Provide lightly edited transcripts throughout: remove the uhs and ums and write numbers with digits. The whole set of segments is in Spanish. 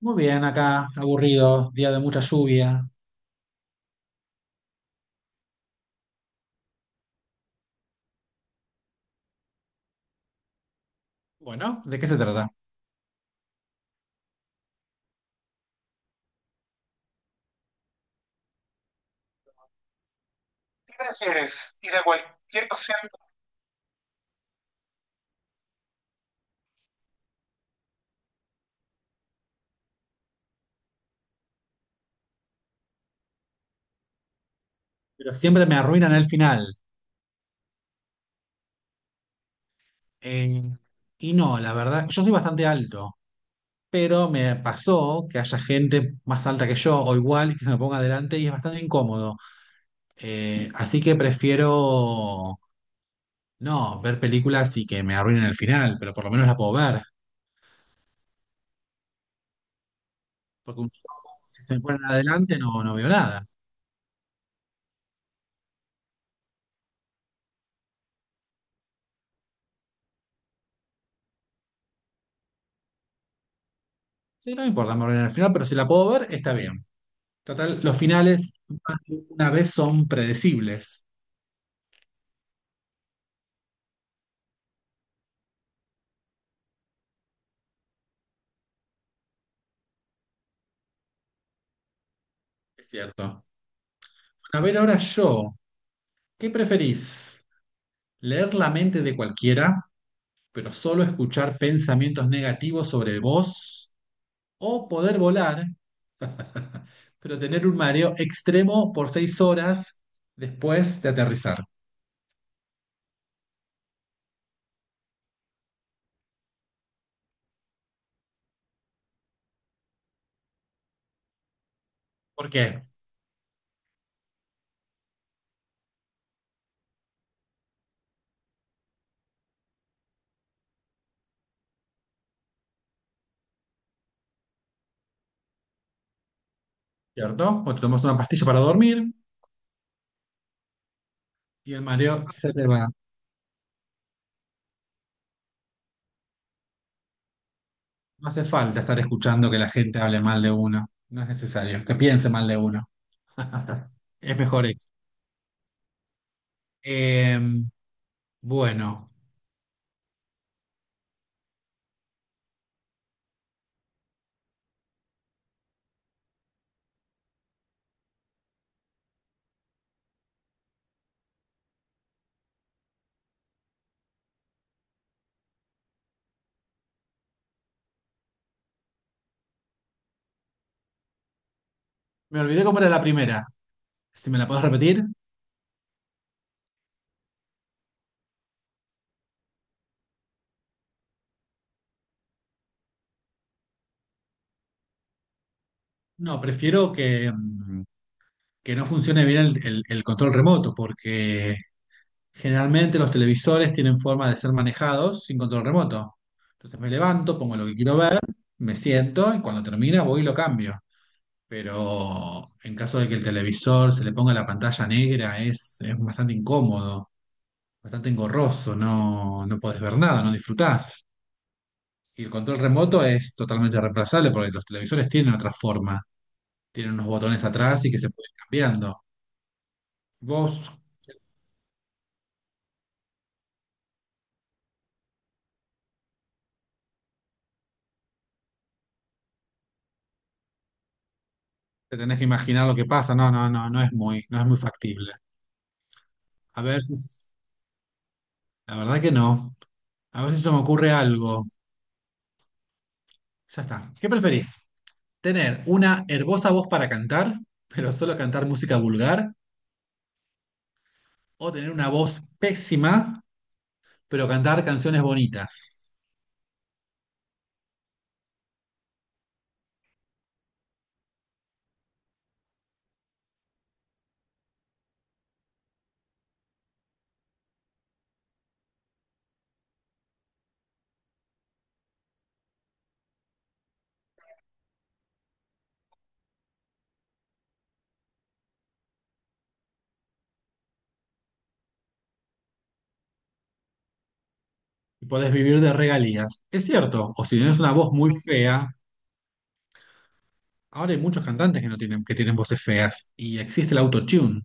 Muy bien, acá, aburrido, día de mucha lluvia. Bueno, ¿de qué se trata? ¿Qué prefieres? ¿Ir a cualquier centro? Pero siempre me arruinan el final. Eh, y no, la verdad, yo soy bastante alto, pero me pasó que haya gente más alta que yo o igual y que se me ponga adelante y es bastante incómodo. Así que prefiero no ver películas y que me arruinen el final, pero por lo menos la puedo ver. Porque un show, si se me ponen adelante no, no veo nada. Sí, no me importa, me arruinan el final, pero si la puedo ver, está bien. Total, los finales más de una vez son predecibles, es cierto. Bueno, a ver, ahora yo, ¿qué preferís? ¿Leer la mente de cualquiera, pero solo escuchar pensamientos negativos sobre vos? ¿O poder volar, pero tener un mareo extremo por 6 horas después de aterrizar? ¿Por qué? ¿Cierto? O te tomas una pastilla para dormir y el mareo se te va. No hace falta estar escuchando que la gente hable mal de uno. No es necesario, que piense mal de uno. Es mejor eso. Em, bueno, me olvidé cómo era la primera. Si me la puedes repetir. No, prefiero que, que no funcione bien el control remoto, porque generalmente los televisores tienen forma de ser manejados sin control remoto. Entonces me levanto, pongo lo que quiero ver, me siento y cuando termina voy y lo cambio. Pero en caso de que el televisor se le ponga la pantalla negra, es bastante incómodo, bastante engorroso, no, no podés ver nada, no disfrutás. Y el control remoto es totalmente reemplazable porque los televisores tienen otra forma, tienen unos botones atrás y que se pueden ir cambiando. Vos te tenés que imaginar lo que pasa, no, no, no, no es muy, no es muy factible. A ver si, la verdad que no. A ver si se me ocurre algo. Ya está. ¿Qué preferís? ¿Tener una hermosa voz para cantar, pero solo cantar música vulgar? ¿O tener una voz pésima, pero cantar canciones bonitas? Y podés vivir de regalías. Es cierto, o si tenés una voz muy fea, ahora hay muchos cantantes que no tienen, que tienen voces feas y existe el autotune,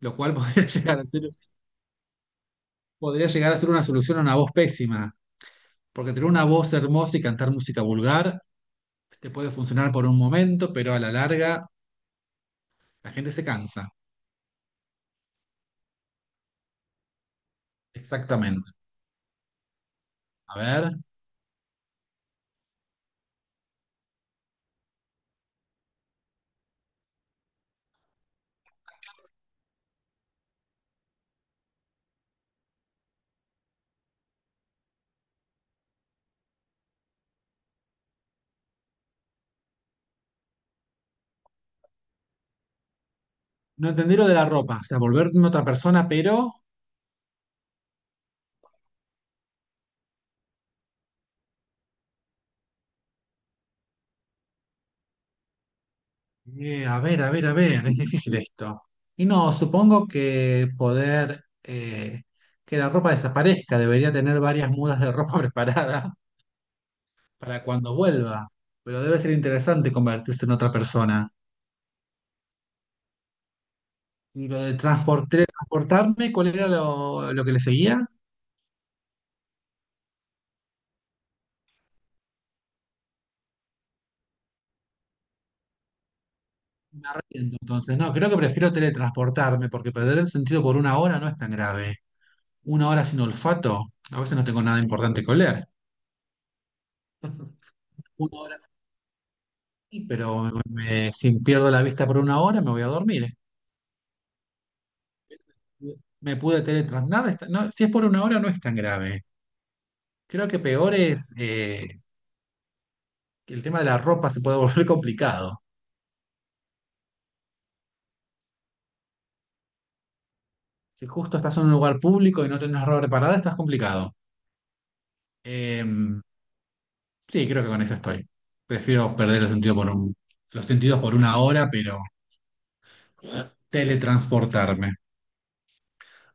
lo cual podría llegar a ser, podría llegar a ser una solución a una voz pésima, porque tener una voz hermosa y cantar música vulgar te puede funcionar por un momento, pero a la larga la gente se cansa. Exactamente. A ver, no entendí lo de la ropa, o sea, volverme otra persona, pero a ver, a ver, a ver, es difícil esto. Y no, supongo que poder que la ropa desaparezca, debería tener varias mudas de ropa preparada para cuando vuelva, pero debe ser interesante convertirse en otra persona. Y lo de teletransportarme, ¿cuál era lo que le seguía? Entonces, no, creo que prefiero teletransportarme porque perder el sentido por una hora no es tan grave. Una hora sin olfato, a veces no tengo nada importante que oler. Una hora sí, pero si pierdo la vista por una hora me voy a dormir. Me pude teletransportar. Nada no, si es por una hora no es tan grave. Creo que peor es que el tema de la ropa se puede volver complicado. Si justo estás en un lugar público y no tenés ropa preparada, estás complicado. Em, sí, creo que con eso estoy. Prefiero perder el sentido por los sentidos por una hora, pero teletransportarme.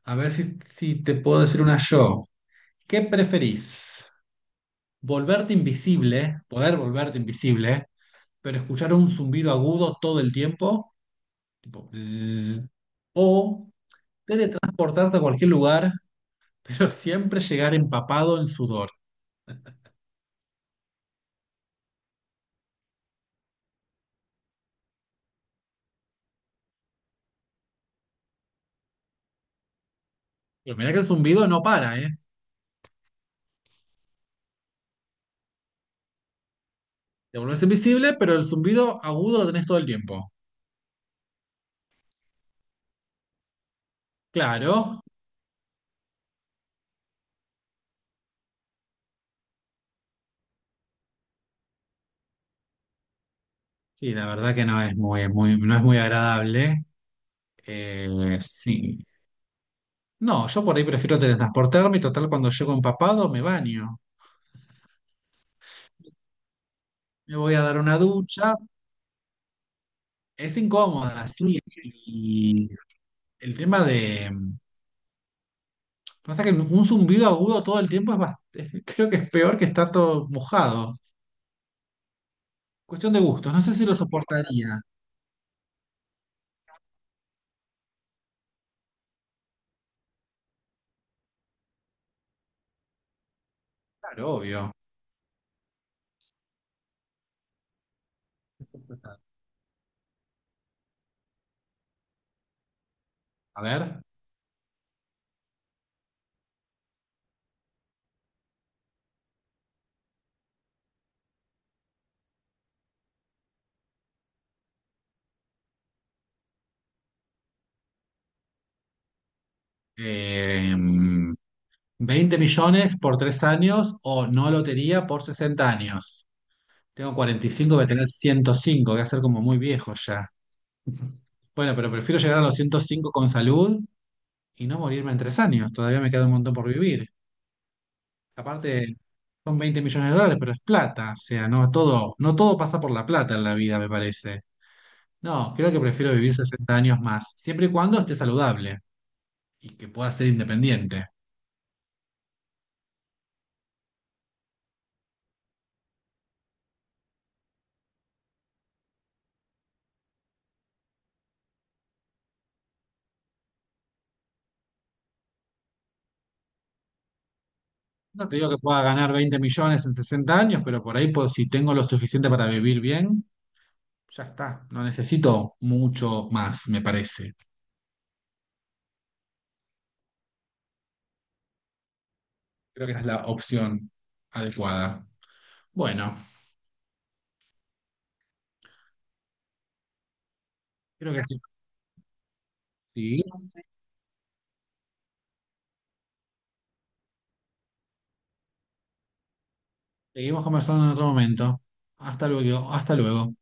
A ver si, si te puedo decir una yo. ¿Qué preferís? ¿Volverte invisible, poder volverte invisible, pero escuchar un zumbido agudo todo el tiempo? Tipo, "Bzzz", o teletransportarte a cualquier lugar, pero siempre llegar empapado en sudor. Pero mirá que el zumbido no para, ¿eh? Te volvés invisible, pero el zumbido agudo lo tenés todo el tiempo. Claro. Sí, la verdad que no es muy, muy, no es muy agradable. Sí. No, yo por ahí prefiero teletransportarme y total cuando llego empapado me baño. Me voy a dar una ducha. Es incómoda, sí. Y el tema de... Pasa que un zumbido agudo todo el tiempo es bastante... Creo que es peor que estar todo mojado. Cuestión de gustos. No sé si lo soportaría. Claro, obvio. A ver. Eh, 20 millones por 3 años o no lotería por 60 años. Tengo 45, voy a tener 105, voy a ser como muy viejo ya. Bueno, pero prefiero llegar a los 105 con salud y no morirme en 3 años. Todavía me queda un montón por vivir. Aparte, son 20 millones de dólares, pero es plata. O sea, no todo, no todo pasa por la plata en la vida, me parece. No, creo que prefiero vivir 60 años más, siempre y cuando esté saludable y que pueda ser independiente. No te digo que pueda ganar 20 millones en 60 años, pero por ahí, pues, si tengo lo suficiente para vivir bien, ya está. No necesito mucho más, me parece. Creo que esa es la opción adecuada. Bueno, creo que sí. Seguimos conversando en otro momento. Hasta luego, hasta luego.